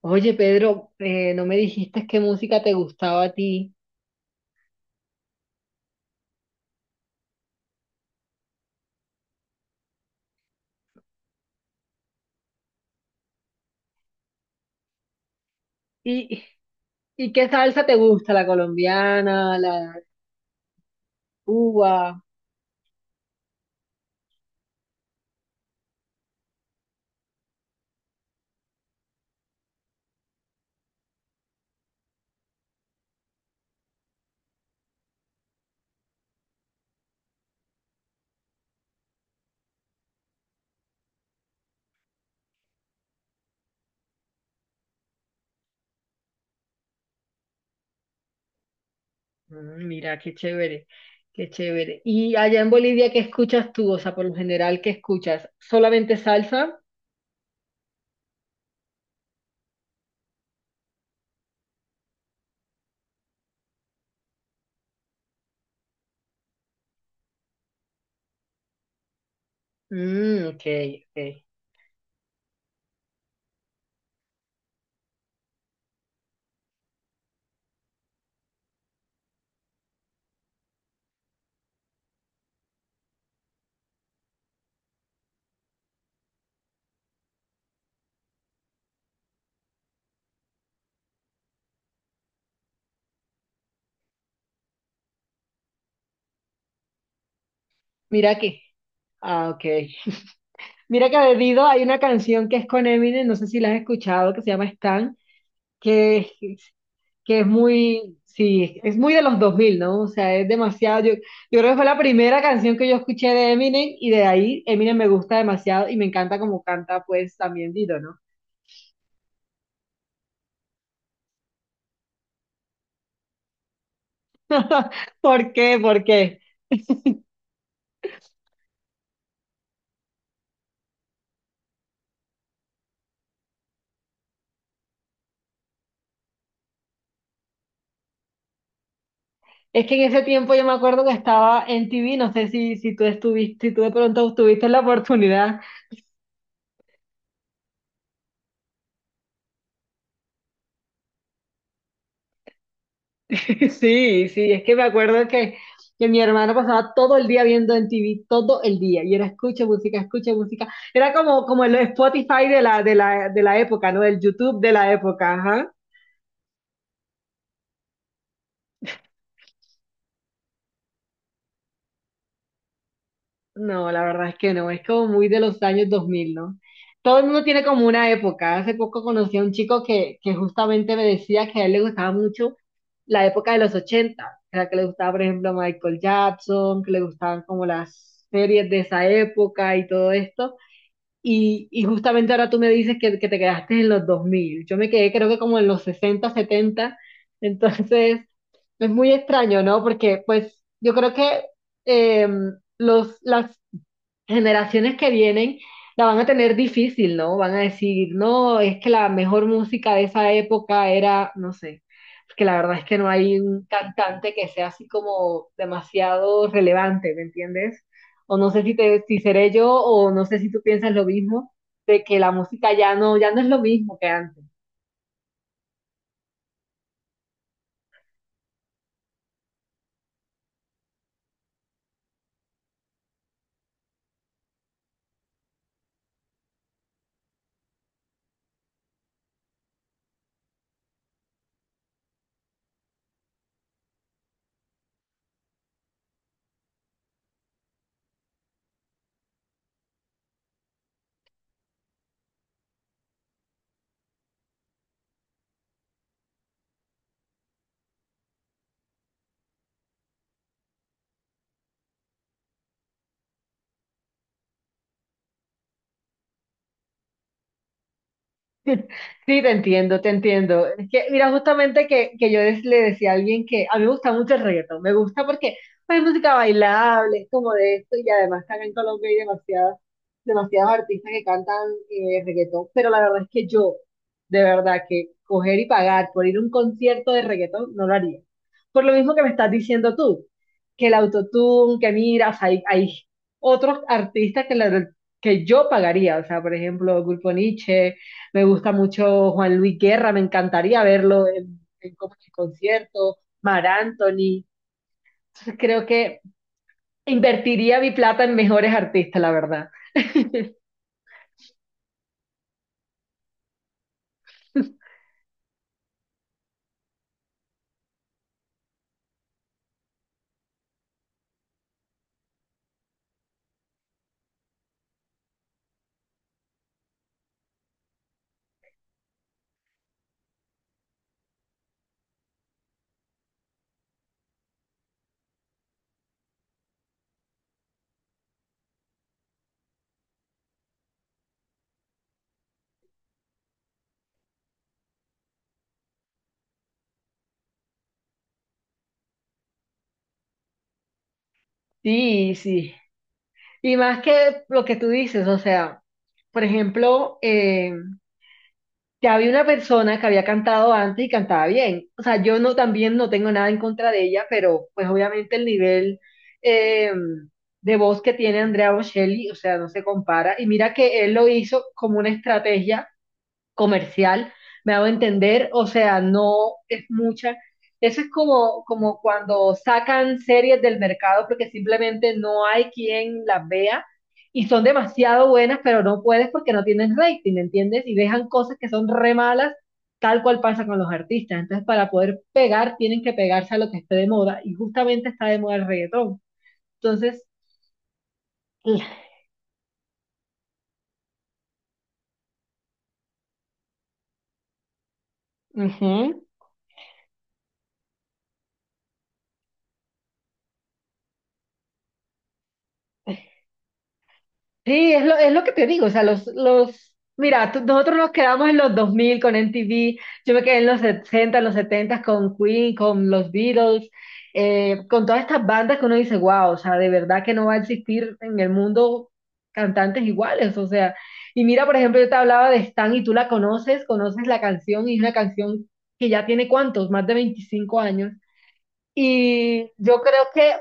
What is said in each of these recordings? Oye, Pedro, no me dijiste qué música te gustaba a ti. ¿Y, y qué salsa te gusta? ¿La colombiana, la de Cuba? Mm, mira, qué chévere, qué chévere. ¿Y allá en Bolivia qué escuchas tú? O sea, por lo general, ¿qué escuchas? ¿Solamente salsa? Mm, ok, ok. Mira que, ah, ok. Mira que de Dido hay una canción que es con Eminem, no sé si la has escuchado, que se llama Stan, que que es muy, sí, es muy de los dos mil, ¿no? O sea, es demasiado. Yo creo que fue la primera canción que yo escuché de Eminem y de ahí Eminem me gusta demasiado y me encanta como canta, pues también Dito, ¿no? ¿Por qué? ¿Por qué? Es que en ese tiempo yo me acuerdo que estaba en TV, no sé si, si tú estuviste, si tú de pronto tuviste la oportunidad. Sí, sí, es que me acuerdo que mi hermano pasaba todo el día viendo en TV, todo el día, y era escucha música, escucha música. Era como, como el Spotify de la época, ¿no? El YouTube de la época, ajá. No, la verdad es que no, es como muy de los años 2000, ¿no? Todo el mundo tiene como una época. Hace poco conocí a un chico que justamente me decía que a él le gustaba mucho la época de los 80, o sea, que le gustaba, por ejemplo, Michael Jackson, que le gustaban como las series de esa época y todo esto. Y justamente ahora tú me dices que te quedaste en los dos mil. Yo me quedé creo que como en los sesenta, setenta. Entonces, es muy extraño, ¿no? Porque pues yo creo que eh, las generaciones que vienen la van a tener difícil, ¿no? Van a decir, no, es que la mejor música de esa época era, no sé, porque la verdad es que no hay un cantante que sea así como demasiado relevante, ¿me entiendes? O no sé si te, si seré yo, o no sé si tú piensas lo mismo, de que la música ya no es lo mismo que antes. Sí, te entiendo, te entiendo. Es que, mira, justamente que yo des- le decía a alguien que a mí me gusta mucho el reggaetón, me gusta porque pues, es música bailable, es como de esto, y además acá en Colombia hay demasiadas, demasiados artistas que cantan reggaetón, pero la verdad es que yo, de verdad, que coger y pagar por ir a un concierto de reggaetón no lo haría. Por lo mismo que me estás diciendo tú, que el autotune, que miras, hay otros artistas que, que yo pagaría, o sea, por ejemplo, Grupo Niche. Me gusta mucho Juan Luis Guerra, me encantaría verlo en como en concierto, Mar Anthony. Creo que invertiría mi plata en mejores artistas, la verdad. Sí, sí. Y más que lo que tú dices, o sea, por ejemplo, ya había una persona que había cantado antes y cantaba bien. O sea, yo no también no tengo nada en contra de ella, pero pues obviamente el nivel eh, de voz que tiene Andrea Bocelli, o sea, no se compara. Y mira que él lo hizo como una estrategia comercial, me hago entender, o sea, no es mucha. Eso es como, como cuando sacan series del mercado porque simplemente no hay quien las vea y son demasiado buenas, pero no puedes porque no tienen rating, ¿entiendes? Y dejan cosas que son re malas, tal cual pasa con los artistas. Entonces, para poder pegar, tienen que pegarse a lo que esté de moda y justamente está de moda el reggaetón. Entonces, ujú. Sí, es lo que te digo, o sea, los, mira, tú- nosotros nos quedamos en los 2000 con MTV, yo me quedé en los 60, en los 70 con Queen, con los Beatles, con todas estas bandas que uno dice, wow, o sea, de verdad que no va a existir en el mundo cantantes iguales, o sea, y mira, por ejemplo, yo te hablaba de Stan y tú la conoces, conoces la canción y es una canción que ya tiene cuántos, más de 25 años. Y yo creo que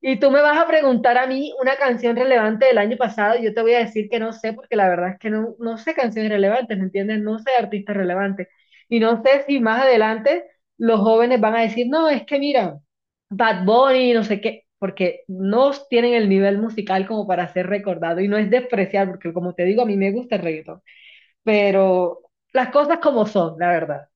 y tú me vas a preguntar a mí una canción relevante del año pasado, y yo te voy a decir que no sé, porque la verdad es que no, no sé canciones relevantes, ¿me entiendes? No sé artistas relevantes. Y no sé si más adelante los jóvenes van a decir, no, es que mira, Bad Bunny, no sé qué, porque no tienen el nivel musical como para ser recordado. Y no es despreciar, porque como te digo, a mí me gusta el reggaetón, pero las cosas como son, la verdad.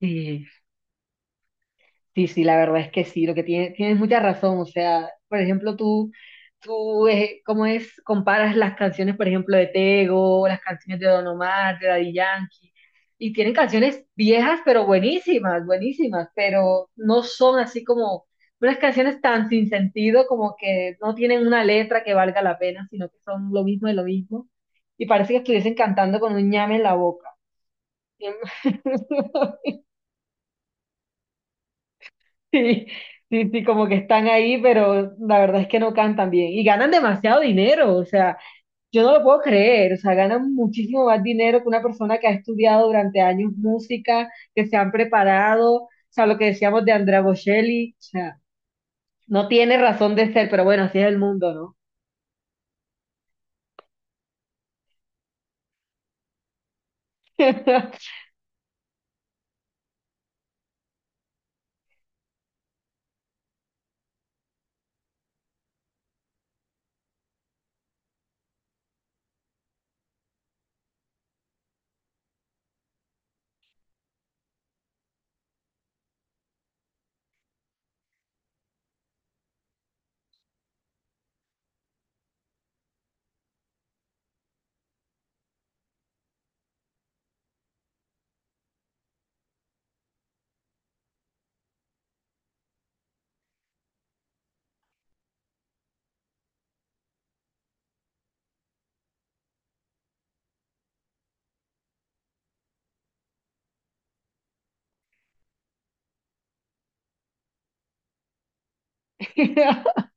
Sí, sí, sí, la verdad es que sí, lo que tiene, tienes mucha razón, o sea, por ejemplo, tú, ¿cómo es? Comparas las canciones, por ejemplo, de Tego, las canciones de Don Omar, de Daddy Yankee, y tienen canciones viejas, pero buenísimas, buenísimas, pero no son así como unas canciones tan sin sentido, como que no tienen una letra que valga la pena, sino que son lo mismo de lo mismo, y parece que estuviesen cantando con un ñame en la boca. Sí, sí, sí, como que están ahí, pero la verdad es que no cantan bien. Y ganan demasiado dinero, o sea, yo no lo puedo creer, o sea, ganan muchísimo más dinero que una persona que ha estudiado durante años música, que se han preparado, o sea, lo que decíamos de Andrea Bocelli, o sea, no tiene razón de ser, pero bueno, así es el mundo, ¿no?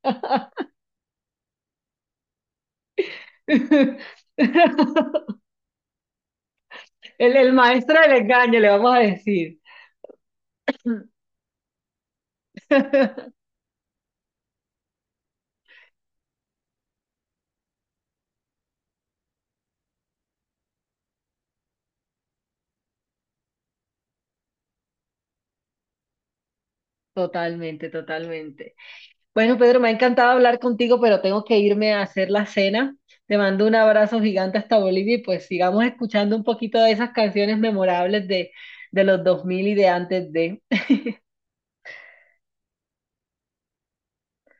El maestro del engaño, le vamos a decir. Totalmente, totalmente. Bueno, Pedro, me ha encantado hablar contigo, pero tengo que irme a hacer la cena. Te mando un abrazo gigante hasta Bolivia y pues sigamos escuchando un poquito de esas canciones memorables de los 2000 y de antes de...